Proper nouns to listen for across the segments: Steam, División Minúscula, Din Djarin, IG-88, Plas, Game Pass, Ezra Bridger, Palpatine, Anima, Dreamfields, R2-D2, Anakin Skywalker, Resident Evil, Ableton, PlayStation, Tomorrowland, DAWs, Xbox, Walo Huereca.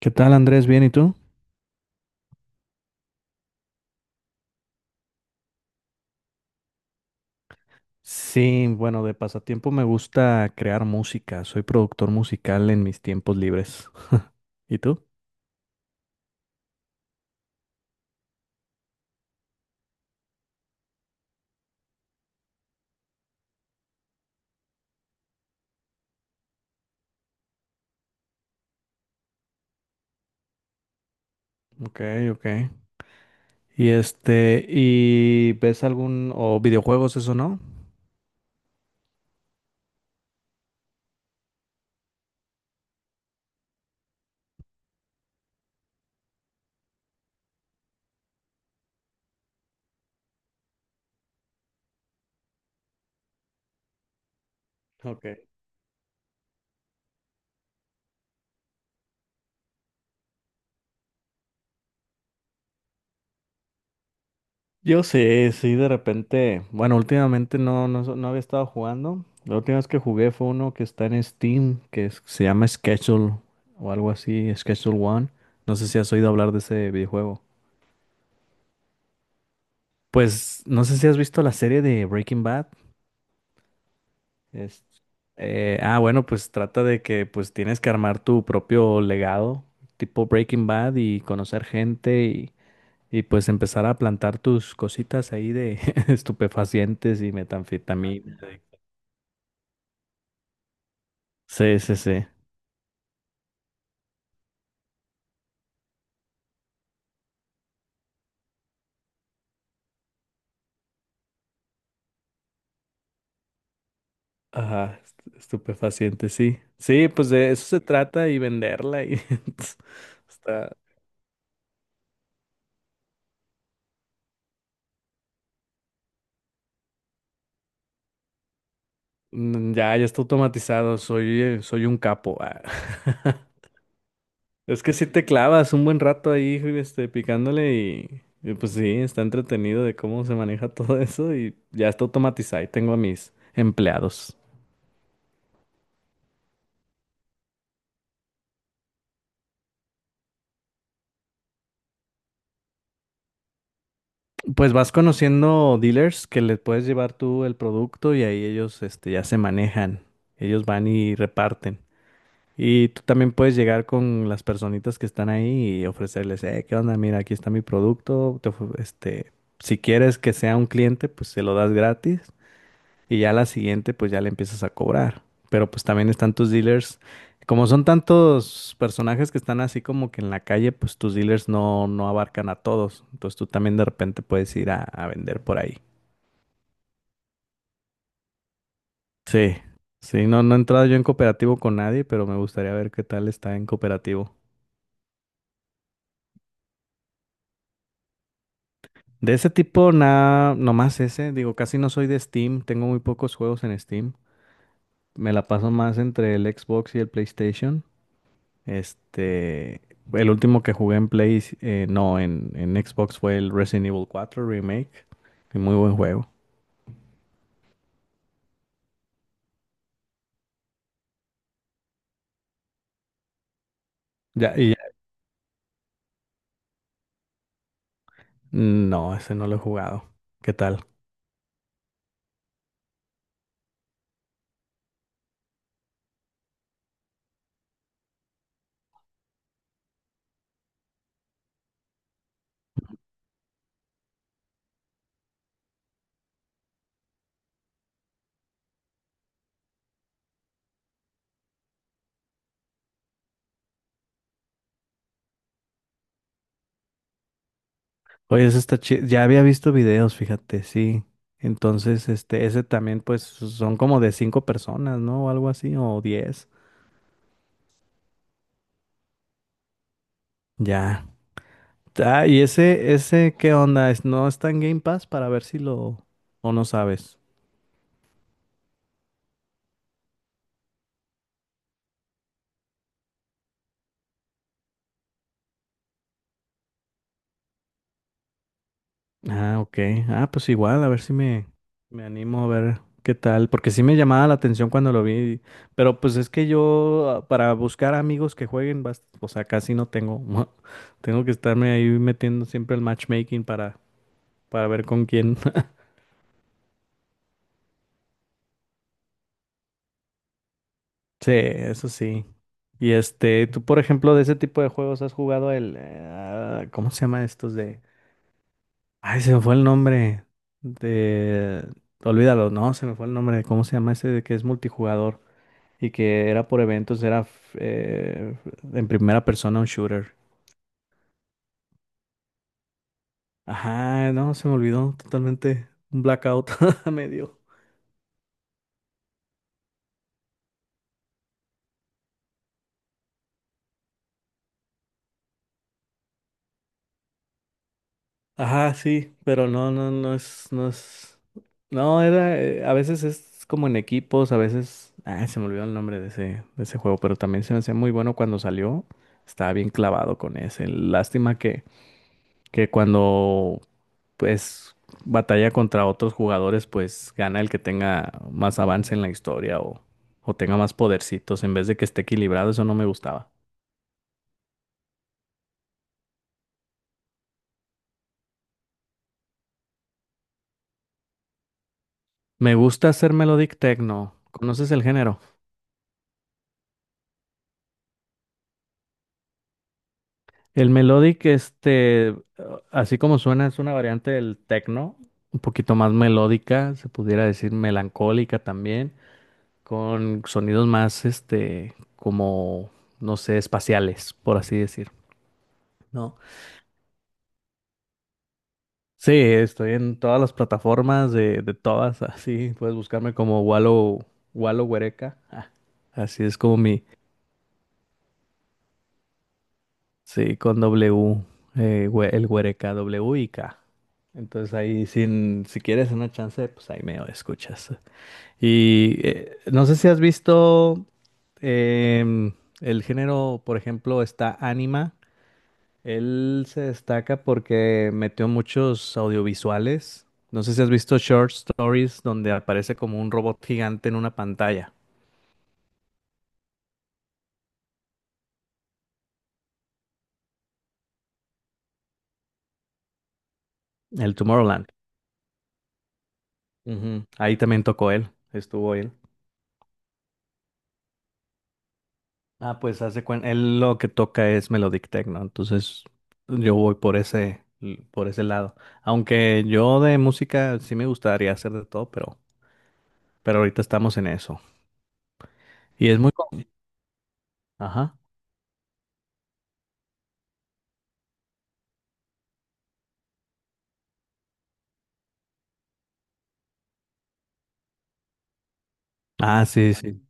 ¿Qué tal, Andrés? ¿Bien y tú? Sí, bueno, de pasatiempo me gusta crear música. Soy productor musical en mis tiempos libres. ¿Y tú? Ok, ok. Y ¿y ves algún o videojuegos eso no? Ok. Yo sí, sí, de repente, bueno, últimamente no, no, no había estado jugando. La última vez que jugué fue uno que está en Steam, se llama Schedule o algo así, Schedule One. No sé si has oído hablar de ese videojuego. Pues no sé si has visto la serie de Breaking Bad. Es- bueno, pues trata de que pues tienes que armar tu propio legado, tipo Breaking Bad, y conocer gente y, pues empezar a plantar tus cositas ahí de estupefacientes y metanfetamina. Sí, sí, sí. Ajá, estupefacientes, sí. Sí, pues de eso se trata y venderla y está, ya, ya está automatizado. Soy un capo. Ah. Es que si te clavas un buen rato ahí, picándole y pues sí, está entretenido de cómo se maneja todo eso y ya está automatizado y tengo a mis empleados. Pues vas conociendo dealers que les puedes llevar tú el producto y ahí ellos, ya se manejan. Ellos van y reparten. Y tú también puedes llegar con las personitas que están ahí y ofrecerles, ¿qué onda? Mira, aquí está mi producto. Si quieres que sea un cliente, pues se lo das gratis. Y ya la siguiente, pues ya le empiezas a cobrar. Pero pues también están tus dealers. Como son tantos personajes que están así como que en la calle, pues tus dealers no, no abarcan a todos. Entonces tú también de repente puedes ir a vender por ahí. Sí, sí, no, no he entrado yo en cooperativo con nadie, pero me gustaría ver qué tal está en cooperativo. De ese tipo, nada, nomás ese. Digo, casi no soy de Steam, tengo muy pocos juegos en Steam. Me la paso más entre el Xbox y el PlayStation. Este, el último que jugué en Play, no, en Xbox fue el Resident Evil 4 Remake. Y muy buen juego. Ya, no, ese no lo he jugado. ¿Qué tal? Oye, ese está chido. Ya había visto videos, fíjate, sí. Entonces, ese también, pues, son como de cinco personas, ¿no? O algo así, o 10. Ya. Ah, y ese, ¿qué onda? ¿No está en Game Pass para ver si lo, o no sabes? Ah, ok. Ah, pues igual, a ver si me animo a ver qué tal, porque sí me llamaba la atención cuando lo vi, pero pues es que yo para buscar amigos que jueguen, o sea, casi no tengo. Tengo que estarme ahí metiendo siempre el matchmaking para ver con quién. Sí, eso sí. Y tú por ejemplo de ese tipo de juegos has jugado el, ¿cómo se llama estos de? Ay, se me fue el nombre de, olvídalo, no, se me fue el nombre. ¿Cómo se llama ese de que es multijugador? Y que era por eventos, en primera persona un shooter. Ajá, no, se me olvidó totalmente. Un blackout me dio. Ajá, sí, pero no, no, no es, no es. No, era, a veces es como en equipos, a veces. Ah, se me olvidó el nombre de ese, juego, pero también se me hacía muy bueno cuando salió. Estaba bien clavado con ese. Lástima que cuando pues batalla contra otros jugadores, pues gana el que tenga más avance en la historia o tenga más podercitos en vez de que esté equilibrado, eso no me gustaba. Me gusta hacer melodic techno. ¿Conoces el género? El melodic, así como suena, es una variante del techno, un poquito más melódica, se pudiera decir melancólica también, con sonidos más, como, no sé, espaciales, por así decir, ¿no? Sí, estoy en todas las plataformas de todas, así puedes buscarme como Walo, Walo Huereca. Ah, así es como mi, sí, con W, el Huereca, W y K. Entonces ahí, sin, si quieres una chance, pues ahí me escuchas. Y no sé si has visto em, el género, por ejemplo, está Anima. Él se destaca porque metió muchos audiovisuales. No sé si has visto Short Stories donde aparece como un robot gigante en una pantalla. El Tomorrowland. Ujú. Ahí también tocó él. Estuvo él. Ah, pues hace cuenta. Él lo que toca es Melodic Techno. Entonces yo voy por ese lado. Aunque yo de música sí me gustaría hacer de todo, pero ahorita estamos en eso. Y es muy. Ajá. Ah, sí, sí.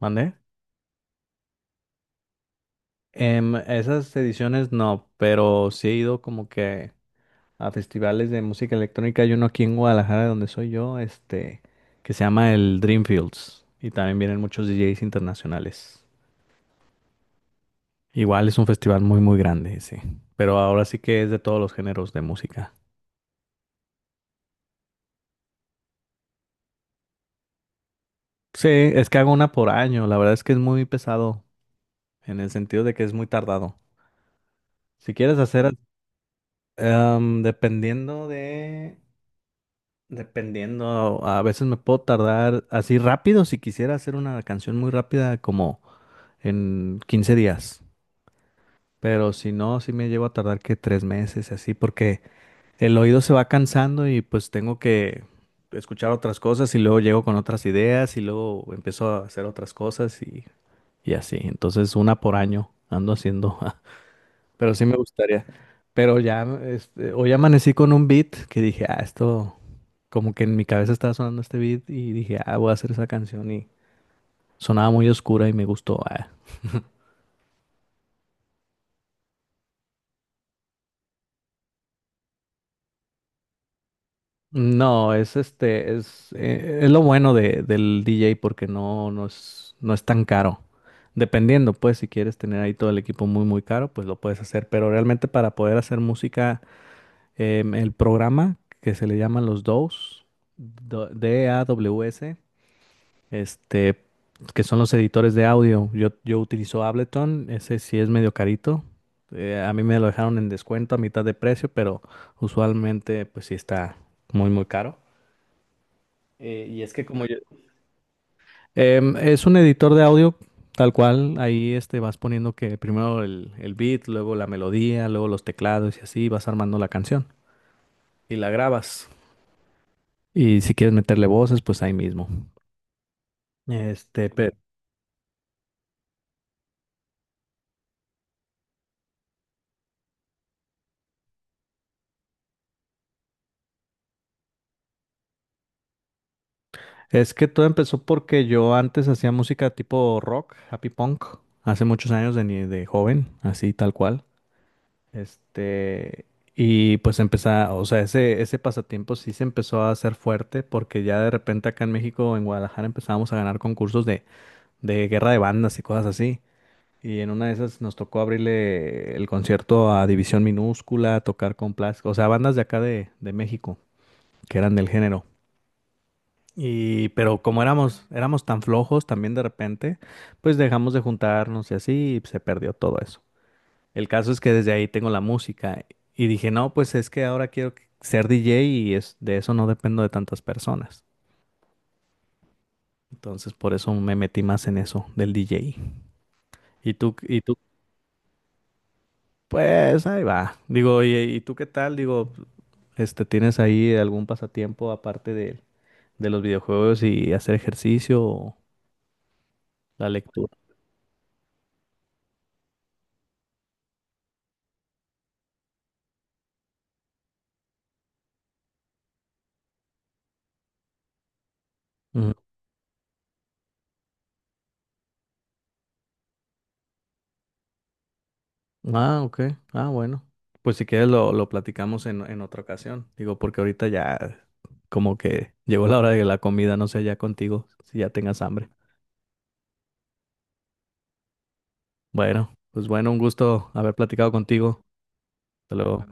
¿Mandé? Esas ediciones no, pero sí he ido como que a festivales de música electrónica. Hay uno aquí en Guadalajara, donde soy yo, que se llama el Dreamfields. Y también vienen muchos DJs internacionales. Igual es un festival muy, muy grande, sí. Pero ahora sí que es de todos los géneros de música. Sí, es que hago una por año. La verdad es que es muy pesado, en el sentido de que es muy tardado. Si quieres hacer, dependiendo de... Dependiendo, a veces me puedo tardar así rápido si quisiera hacer una canción muy rápida como en 15 días. Pero si no, sí me llevo a tardar que 3 meses y así porque el oído se va cansando y pues tengo que escuchar otras cosas y luego llego con otras ideas y luego empiezo a hacer otras cosas y así. Entonces una por año ando haciendo. Pero sí me gustaría. Pero ya, hoy amanecí con un beat que dije, ah, esto, como que en mi cabeza estaba sonando este beat y dije, ah, voy a hacer esa canción y sonaba muy oscura y me gustó. Ah. No, es lo bueno del DJ porque no, no es, no es tan caro. Dependiendo, pues, si quieres tener ahí todo el equipo muy, muy caro, pues lo puedes hacer. Pero realmente para poder hacer música, el programa que se le llama los DAWs, DAWS, este, que son los editores de audio. Yo utilizo Ableton, ese sí es medio carito. A mí me lo dejaron en descuento a mitad de precio, pero usualmente pues sí está muy, muy caro. Y es que como yo... Es un editor de audio tal cual, ahí vas poniendo que primero el beat, luego la melodía, luego los teclados y así vas armando la canción y la grabas. Y si quieres meterle voces, pues ahí mismo. Este, pe- Es que todo empezó porque yo antes hacía música tipo rock, happy punk, hace muchos años de, ni- de joven, así tal cual. Este, y pues empezaba, o sea, ese pasatiempo sí se empezó a hacer fuerte porque ya de repente acá en México, en Guadalajara, empezábamos a ganar concursos de guerra de bandas y cosas así. Y en una de esas nos tocó abrirle el concierto a División Minúscula, tocar con Plas, o sea, bandas de acá de México, que eran del género. Pero como éramos tan flojos también de repente, pues dejamos de juntarnos y así y se perdió todo eso. El caso es que desde ahí tengo la música y dije, no, pues es que ahora quiero ser DJ y es, de eso no dependo de tantas personas. Entonces por eso me metí más en eso del DJ. Y tú, pues ahí va. Digo, ¿y tú qué tal? Digo, ¿tienes ahí algún pasatiempo aparte de los videojuegos y hacer ejercicio o la lectura? Ah, ok. Ah, bueno. Pues si quieres lo platicamos en otra ocasión. Digo, porque ahorita ya como que llegó la hora de la comida, no sé, ya contigo, si ya tengas hambre. Bueno, pues bueno, un gusto haber platicado contigo. Hasta luego.